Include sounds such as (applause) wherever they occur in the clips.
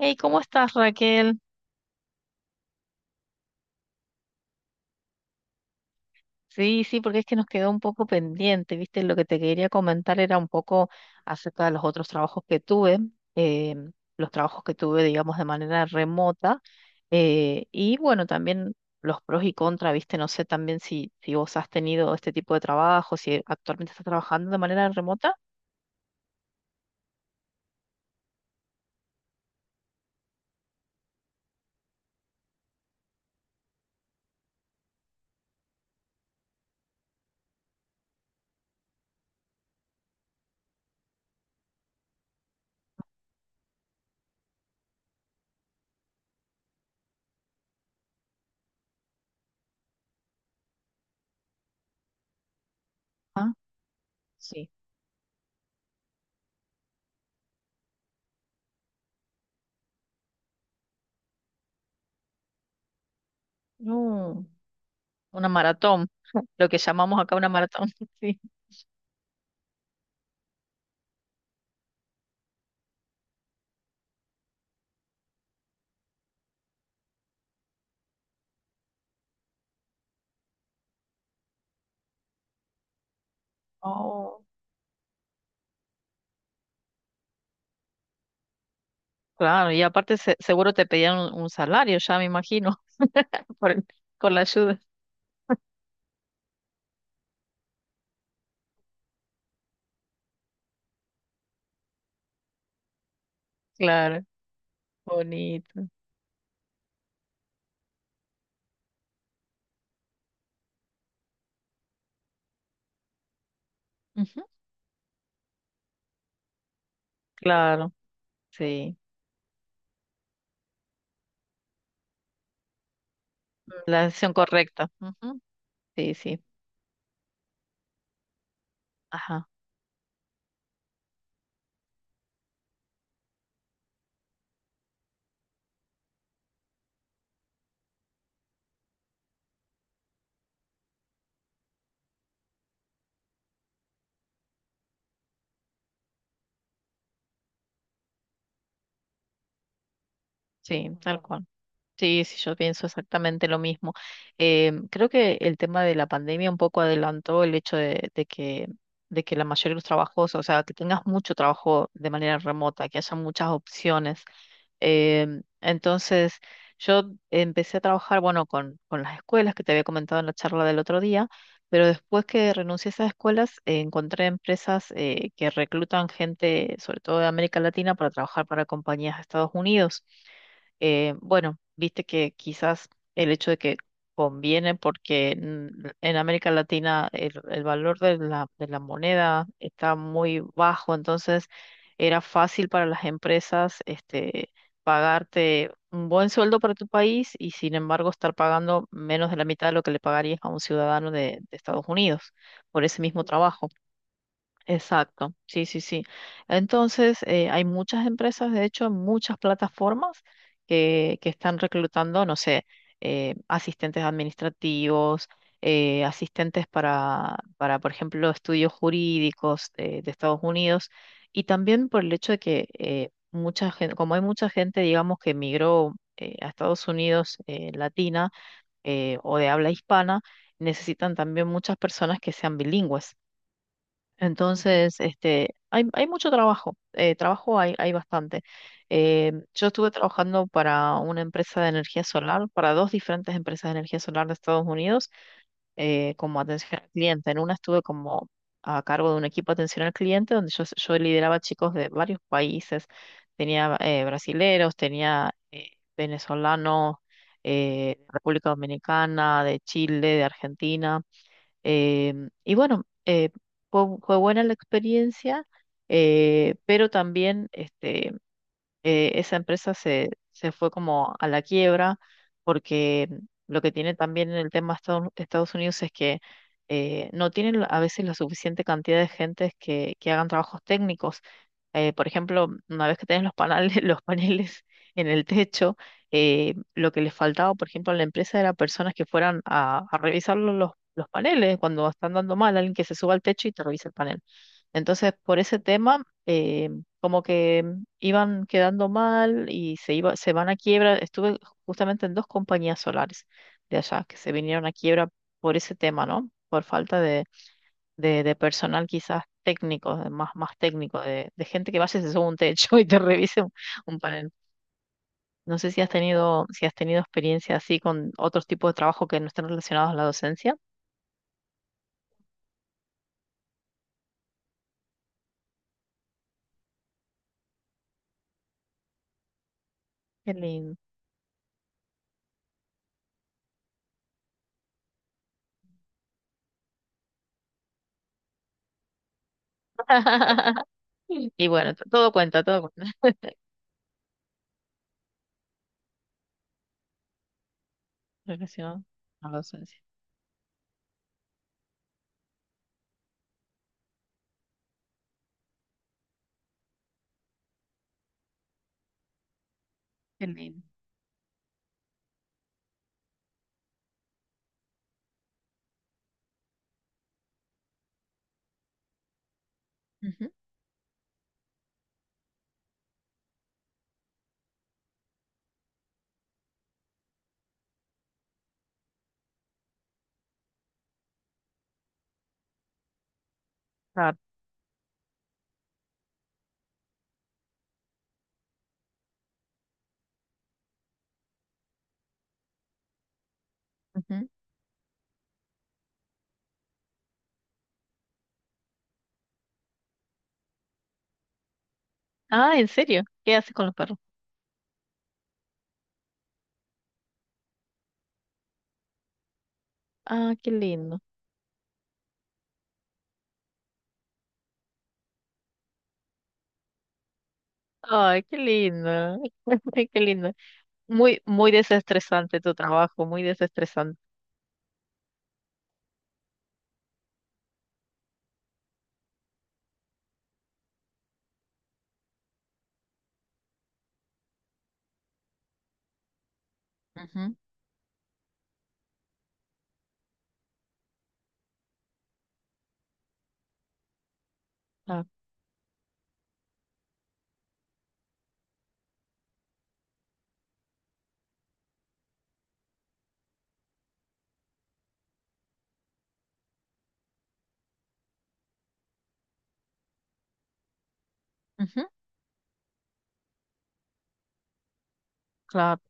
Hey, ¿cómo estás, Raquel? Sí, sí, porque es que nos quedó un poco pendiente, ¿viste? Lo que te quería comentar era un poco acerca de los otros trabajos que tuve, eh, los trabajos que tuve, digamos, de manera remota, y bueno, también los pros y contras, ¿viste? No sé también si vos has tenido este tipo de trabajo, si actualmente estás trabajando de manera remota. Ah, sí. No, una maratón, (laughs) lo que llamamos acá una maratón, (laughs) sí. Claro, y aparte seguro te pedían un salario, ya me imagino, (laughs) por el- con la ayuda. Claro, bonito. Ujú. Claro, sí. La decisión correcta. Ujú. Sí, sí. Ajá, sí, tal cual. Sí, sí, yo pienso exactamente lo mismo. Creo que el tema de la pandemia un poco adelantó el hecho de que la mayoría de los trabajos, o sea, que tengas mucho trabajo de manera remota, que haya muchas opciones. Entonces, yo empecé a trabajar, bueno, con las escuelas que te había comentado en la charla del otro día, pero después que renuncié a esas escuelas, encontré empresas que reclutan gente, sobre todo de América Latina, para trabajar para compañías de Estados Unidos. Bueno, viste que quizás el hecho de que conviene porque en América Latina el valor de de la moneda está muy bajo, entonces era fácil para las empresas este, pagarte un buen sueldo para tu país y sin embargo estar pagando menos de la mitad de lo que le pagarías a un ciudadano de Estados Unidos por ese mismo trabajo. Exacto, sí, sí, sí. Entonces, hay muchas empresas, de hecho, muchas plataformas que están reclutando, no sé, asistentes administrativos, asistentes para, por ejemplo, estudios jurídicos de Estados Unidos, y también por el hecho de que mucha gente, como hay mucha gente, digamos, que emigró a Estados Unidos latina o de habla hispana, necesitan también muchas personas que sean bilingües. Entonces, este, hay mucho trabajo, trabajo hay, hay bastante. Yo estuve trabajando para una empresa de energía solar, para dos diferentes empresas de energía solar de Estados Unidos, como atención al cliente. En una estuve como a cargo de un equipo de atención al cliente, donde yo lideraba chicos de varios países. Tenía brasileros, tenía venezolanos, República Dominicana, de Chile, de Argentina. Y bueno, fue, fue buena la experiencia, pero también este, esa empresa se fue como a la quiebra porque lo que tiene también en el tema Estados Unidos es que no tienen a veces la suficiente cantidad de gentes que hagan trabajos técnicos. Por ejemplo, una vez que tenés los paneles, (laughs) los paneles en el techo, lo que les faltaba, por ejemplo, a la empresa era personas que fueran a revisar los paneles cuando están dando mal, alguien que se suba al techo y te revise el panel. Entonces, por ese tema, como que iban quedando mal y se iba, se van a quiebra. Estuve justamente en dos compañías solares de allá que se vinieron a quiebra por ese tema, ¿no? Por falta de personal quizás técnico, de más, más técnico, de gente que vaya y se suba a un techo (laughs) y te revise un panel. No sé si has tenido, si has tenido experiencia así con otros tipos de trabajo que no estén relacionados a la docencia. Qué lindo. (laughs) Y bueno, todo cuenta (laughs) relacionado a la docencia. Qué lindo. Ujú. Ah, ujú. Ah, ¿en serio? ¿Qué haces con los perros? Ah, qué lindo. Ay, qué lindo. (laughs) Ay, qué lindo. Muy, muy desestresante tu trabajo, muy desestresante. Ujú. Claro, ujú. Claro.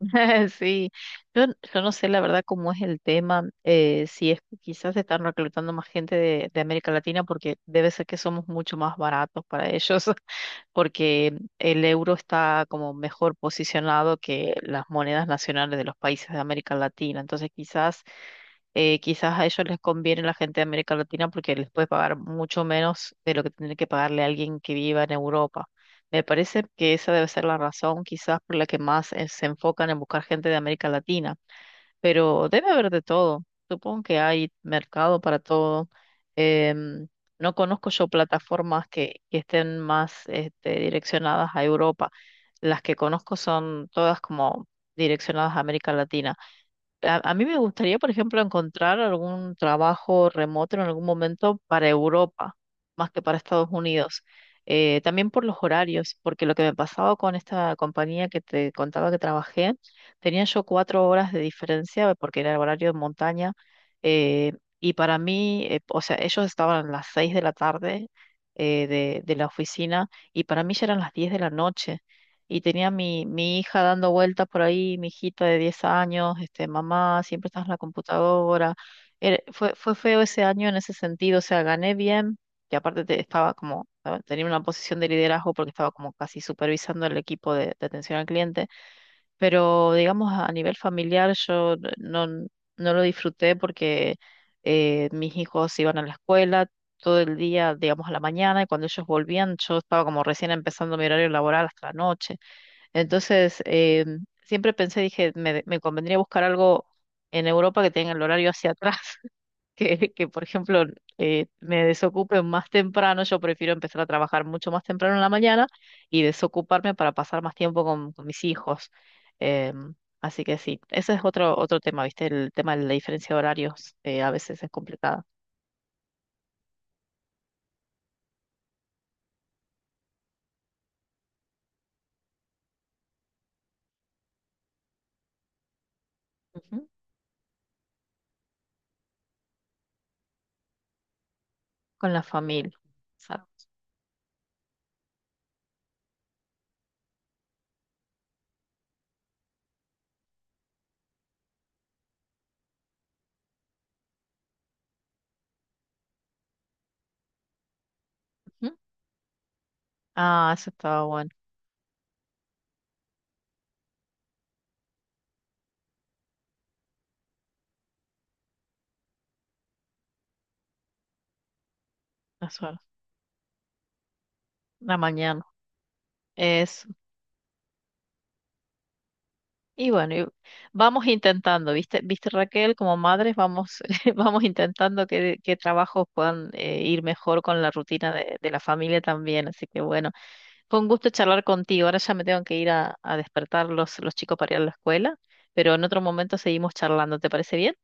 (laughs) Sí. Yo, yo no sé la verdad cómo es el tema, si es que quizás están reclutando más gente de América Latina, porque debe ser que somos mucho más baratos para ellos. Porque el euro está como mejor posicionado que las monedas nacionales de los países de América Latina. Entonces quizás, quizás a ellos les conviene la gente de América Latina porque les puede pagar mucho menos de lo que tendría que pagarle a alguien que viva en Europa. Me parece que esa debe ser la razón quizás por la que más se enfocan en buscar gente de América Latina, pero debe haber de todo. Supongo que hay mercado para todo. Em, no conozco yo plataformas que estén más este, direccionadas a Europa. Las que conozco son todas como direccionadas a América Latina. A mí me gustaría, por ejemplo, encontrar algún trabajo remoto en algún momento para Europa, más que para Estados Unidos. También por los horarios, porque lo que me pasaba con esta compañía que te contaba que trabajé, tenía yo 4 horas de diferencia porque era el horario de montaña. eh, y para mí, o sea, ellos estaban a las 6 de la tarde de la oficina y para mí ya eran las 10 de la noche y tenía mi hija dando vueltas por ahí, mi hijita de 10 años, este, mamá, siempre estás en la computadora. Fue, fue feo ese año en ese sentido, o sea, gané bien, y aparte estaba como, ah, tenía una posición de liderazgo porque estaba como casi supervisando el equipo de atención al cliente, pero digamos a nivel familiar yo no lo disfruté porque mis hijos iban a la escuela todo el día, digamos, a la mañana, y cuando ellos volvían, yo estaba como recién empezando mi horario laboral hasta la noche. Entonces, siempre pensé, dije, me convendría buscar algo en Europa que tenga el horario hacia atrás, (laughs) que por ejemplo, me desocupe más temprano. Yo prefiero empezar a trabajar mucho más temprano en la mañana y desocuparme para pasar más tiempo con mis hijos. Em, Así que sí, ese es otro, otro tema, ¿viste? El tema de la diferencia de horarios a veces es complicada. Ujú. Con la familia. Exacto. Ujú. Ah, eso estaba bueno. Eso, era la mañana. Es. Y bueno, y vamos intentando, ¿viste? ¿Viste, Raquel? Como madres vamos, (laughs) vamos intentando que trabajos puedan ir mejor con la rutina de la familia también. Así que bueno, fue un gusto charlar contigo. Ahora ya me tengo que ir a despertar los chicos para ir a la escuela, pero en otro momento seguimos charlando. ¿Te parece bien?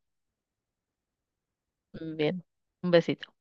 Bien, un besito.